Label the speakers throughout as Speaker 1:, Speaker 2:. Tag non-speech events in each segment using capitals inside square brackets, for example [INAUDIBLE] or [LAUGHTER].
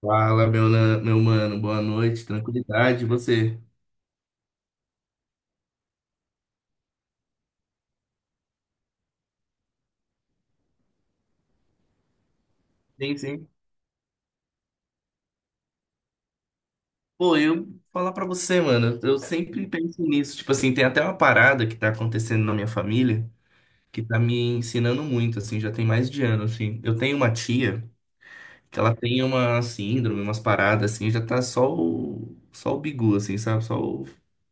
Speaker 1: Fala, meu, meu mano, boa noite, tranquilidade, e você? Sim, sim. Pô, eu falar pra você, mano, eu sempre penso nisso, tipo assim, tem até uma parada que tá acontecendo na minha família que tá me ensinando muito, assim, já tem mais de ano, assim. Eu tenho uma tia que ela tem uma síndrome, umas paradas, assim, já tá só o bigu, assim, sabe? Só o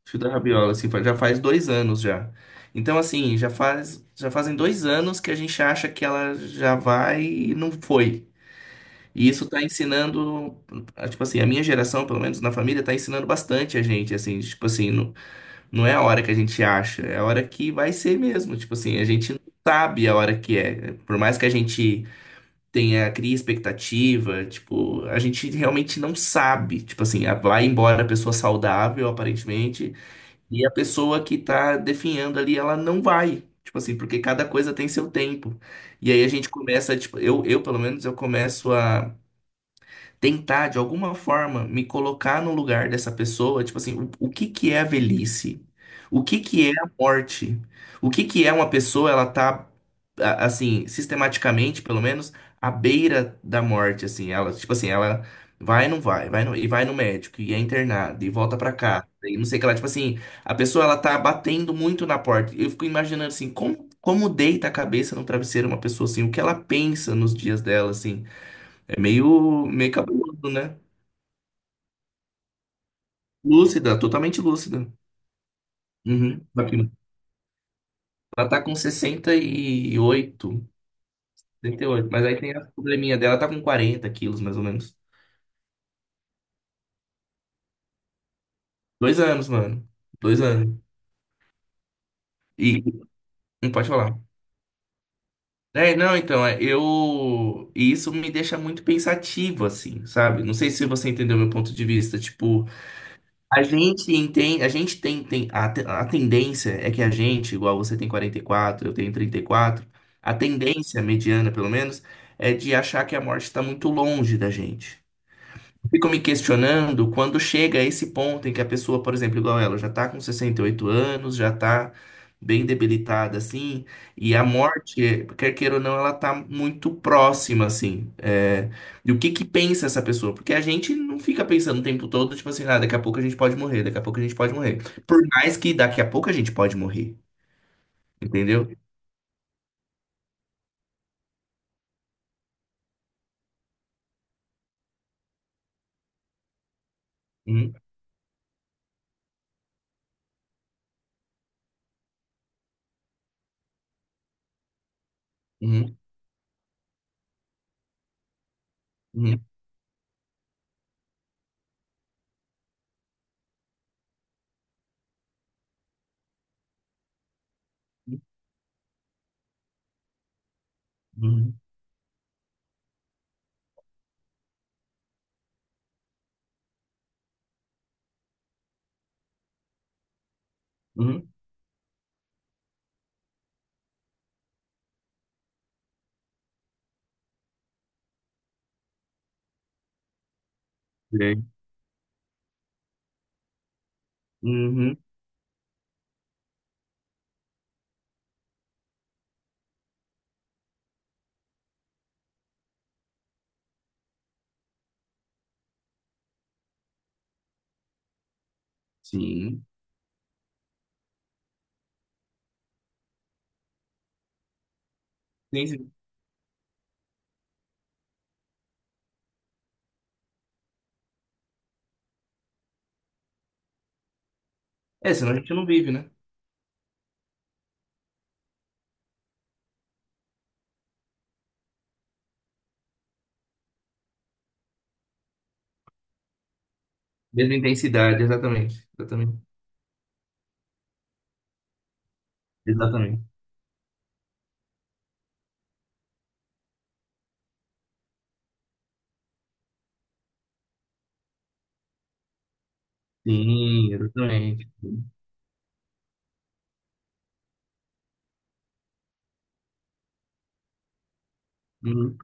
Speaker 1: fio da rabiola, assim, já faz 2 anos já. Então, assim, já fazem 2 anos que a gente acha que ela já vai e não foi. E isso está ensinando, tipo assim, a minha geração, pelo menos na família, está ensinando bastante a gente, assim, tipo assim, não, não é a hora que a gente acha, é a hora que vai ser mesmo, tipo assim, a gente não sabe a hora que é. Por mais que a gente tenha, cria expectativa, tipo, a gente realmente não sabe, tipo assim, vai embora a pessoa saudável, aparentemente, e a pessoa que está definhando ali, ela não vai. Tipo assim, porque cada coisa tem seu tempo. E aí a gente começa, tipo, eu pelo menos, eu começo a tentar de alguma forma me colocar no lugar dessa pessoa, tipo assim, o que que é a velhice? O que que é a morte? O que que é uma pessoa, ela tá assim, sistematicamente, pelo menos, à beira da morte, assim, ela, tipo assim, ela vai e não vai, e vai no médico e é internada e volta pra cá. E não sei o que ela, tipo assim, a pessoa ela tá batendo muito na porta. Eu fico imaginando assim, como como deita a cabeça no travesseiro uma pessoa assim, o que ela pensa nos dias dela assim. É meio, meio cabeludo, né? Lúcida, totalmente lúcida. Uhum. Aqui. Ela tá com sessenta e oito, 68. Mas aí tem a probleminha dela, tá com 40 quilos, mais ou menos. 2 anos, mano. 2 anos. E não pode falar. É, não, então, é, eu. E isso me deixa muito pensativo, assim, sabe? Não sei se você entendeu meu ponto de vista. Tipo, a gente entende, a gente tem a tendência é que a gente, igual você tem 44, eu tenho 34, a tendência mediana, pelo menos, é de achar que a morte está muito longe da gente. Fico me questionando quando chega a esse ponto em que a pessoa, por exemplo, igual ela, já tá com 68 anos, já tá bem debilitada, assim, e a morte, quer queira ou não, ela tá muito próxima, assim. E o que que pensa essa pessoa? Porque a gente não fica pensando o tempo todo, tipo assim, ah, daqui a pouco a gente pode morrer, daqui a pouco a gente pode morrer. Por mais que daqui a pouco a gente pode morrer, entendeu? Uhum, uhum, uhum, uhum, uhum, sei. Uhum, uhum, sim. Sim, sim. É, senão a gente não vive, né? Mesma intensidade, exatamente. Exatamente. Exatamente. Sim, exatamente. Uhum.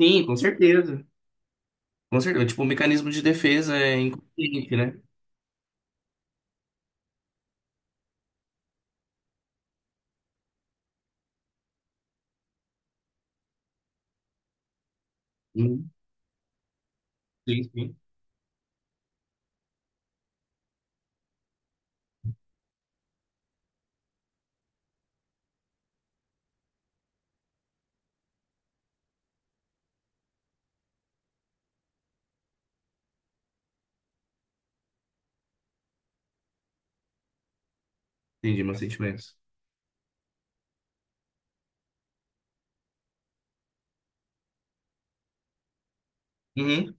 Speaker 1: Sim, com certeza. Com certeza. Tipo, o mecanismo de defesa é inconsciente, né? Uhum. Sim, sim. Entendi meus sentimentos. Uhum.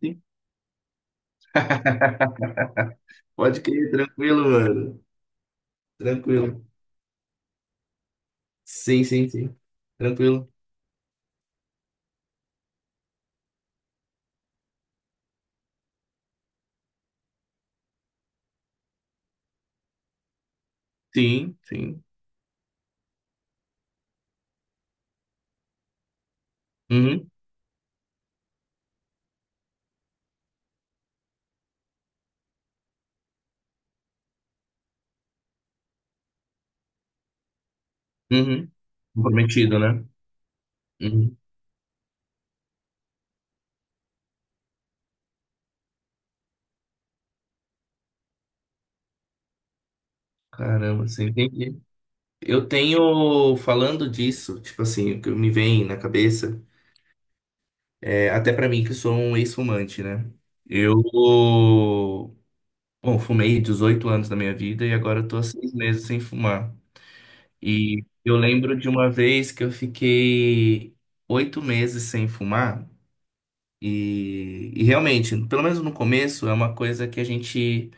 Speaker 1: Sim. [LAUGHS] Pode crer, tranquilo, mano. Tranquilo. Sim, sim, sim. Tranquilo. Sim, sim. Uhum. Uhum. Comprometido, né? Uhum. Caramba, você entendi. Eu tenho, falando disso, tipo assim, o que me vem na cabeça. É, até pra mim, que sou um ex-fumante, né? Eu, bom, fumei 18 anos da minha vida e agora eu tô há 6 meses sem fumar. E eu lembro de uma vez que eu fiquei 8 meses sem fumar. E realmente, pelo menos no começo, é uma coisa que a gente,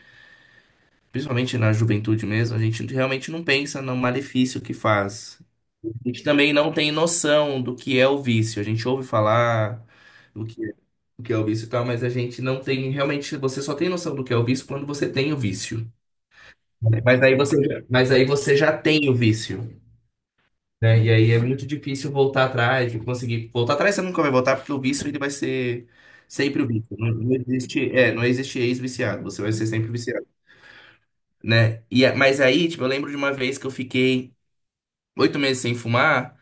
Speaker 1: principalmente na juventude mesmo, a gente realmente não pensa no malefício que faz. A gente também não tem noção do que é o vício. A gente ouve falar o que é o vício e tal, mas a gente não tem realmente, você só tem noção do que é o vício quando você tem o vício, né? Mas aí você já tem o vício, né? E aí é muito difícil voltar atrás, e conseguir voltar atrás você nunca vai voltar porque o vício ele vai ser sempre o vício. Não, não existe ex-viciado, você vai ser sempre viciado, né? E mas aí, tipo, eu lembro de uma vez que eu fiquei oito meses sem fumar.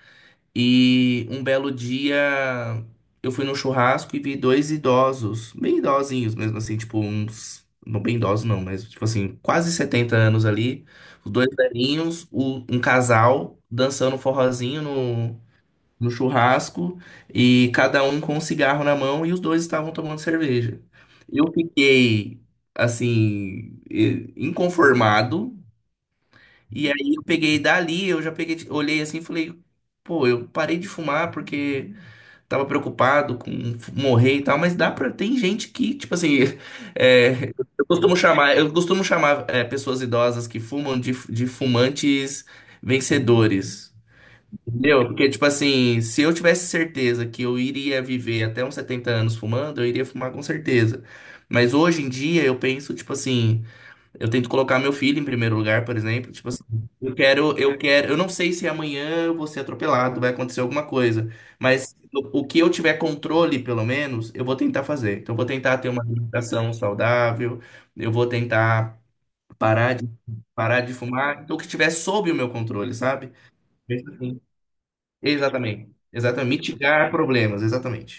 Speaker 1: E um belo dia eu fui num churrasco e vi dois idosos, bem idosinhos mesmo assim, tipo uns, não bem idosos não, mas tipo assim, quase 70 anos ali, os dois velhinhos, um casal dançando um forrozinho no churrasco e cada um com um cigarro na mão e os dois estavam tomando cerveja. Eu fiquei assim, inconformado, e aí eu peguei dali, eu já peguei, olhei assim e falei, pô, eu parei de fumar porque tava preocupado com morrer e tal, mas dá pra, tem gente que, tipo assim, [LAUGHS] é, eu costumo chamar pessoas idosas que fumam de fumantes vencedores. Entendeu? Porque, tipo assim, se eu tivesse certeza que eu iria viver até uns 70 anos fumando, eu iria fumar com certeza. Mas hoje em dia eu penso, tipo assim, eu tento colocar meu filho em primeiro lugar, por exemplo. Tipo assim, eu quero, eu não sei se amanhã eu vou ser atropelado, vai acontecer alguma coisa, mas o que eu tiver controle, pelo menos, eu vou tentar fazer. Então, eu vou tentar ter uma alimentação saudável, eu vou tentar parar de, parar de fumar, então, o que tiver sob o meu controle, sabe? Mesmo assim. Exatamente. Exatamente. Mitigar problemas, exatamente.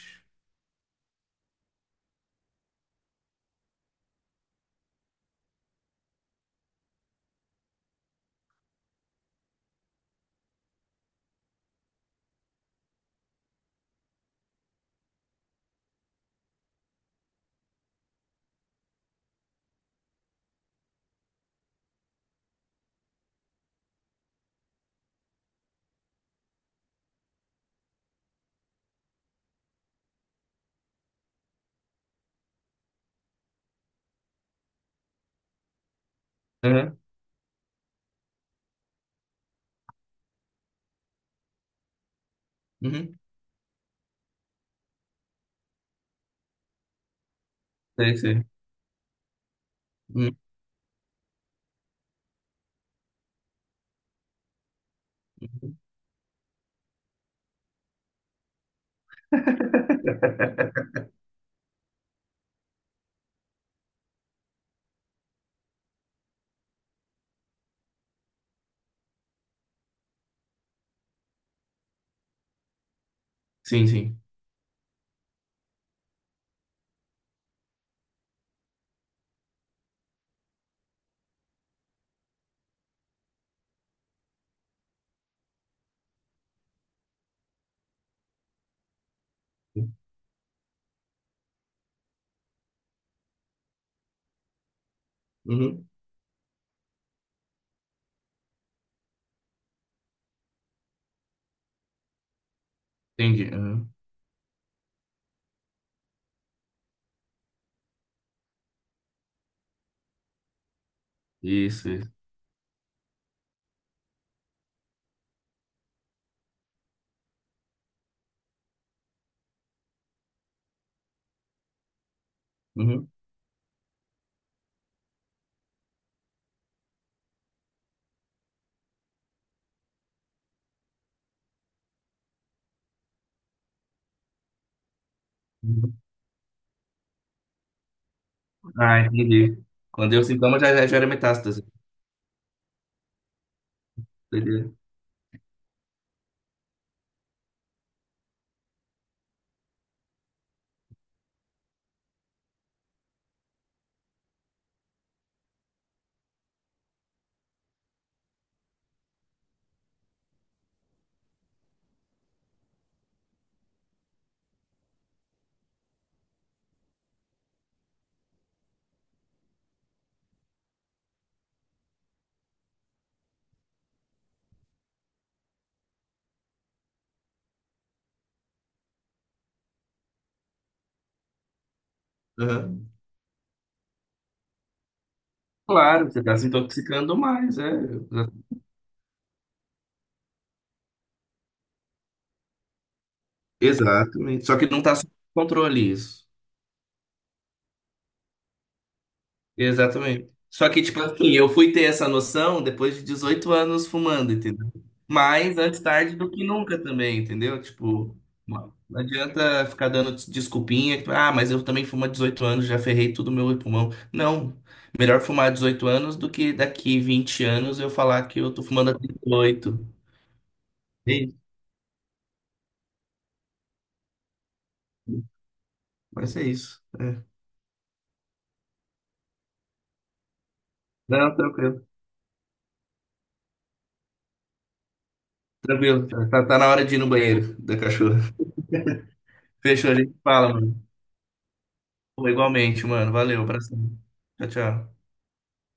Speaker 1: Aham. Uhum. Sei, sei. Uhum. Sim, sim. Uhum. Entendi. Uhum. Isso, isso. Uhum. Ah, entendi. Quando eu sintoma, já, já já era metástase. Entendeu? Aham. Claro, você está se intoxicando mais, é. Exatamente. Só que não está sob controle isso. Exatamente. Só que, tipo assim, eu fui ter essa noção depois de 18 anos fumando, entendeu? Mas antes tarde do que nunca também, entendeu? Tipo, não adianta ficar dando desculpinha, tipo, ah, mas eu também fumo há 18 anos, já ferrei tudo meu pulmão. Não, melhor fumar há 18 anos do que daqui 20 anos eu falar que eu tô fumando há 38. É isso. Mas é isso. É. Não, tranquilo. Tranquilo. Tá, tá na hora de ir no banheiro da cachorra. Fechou, a gente fala, mano. Igualmente, mano. Valeu, abração. Tchau, tchau.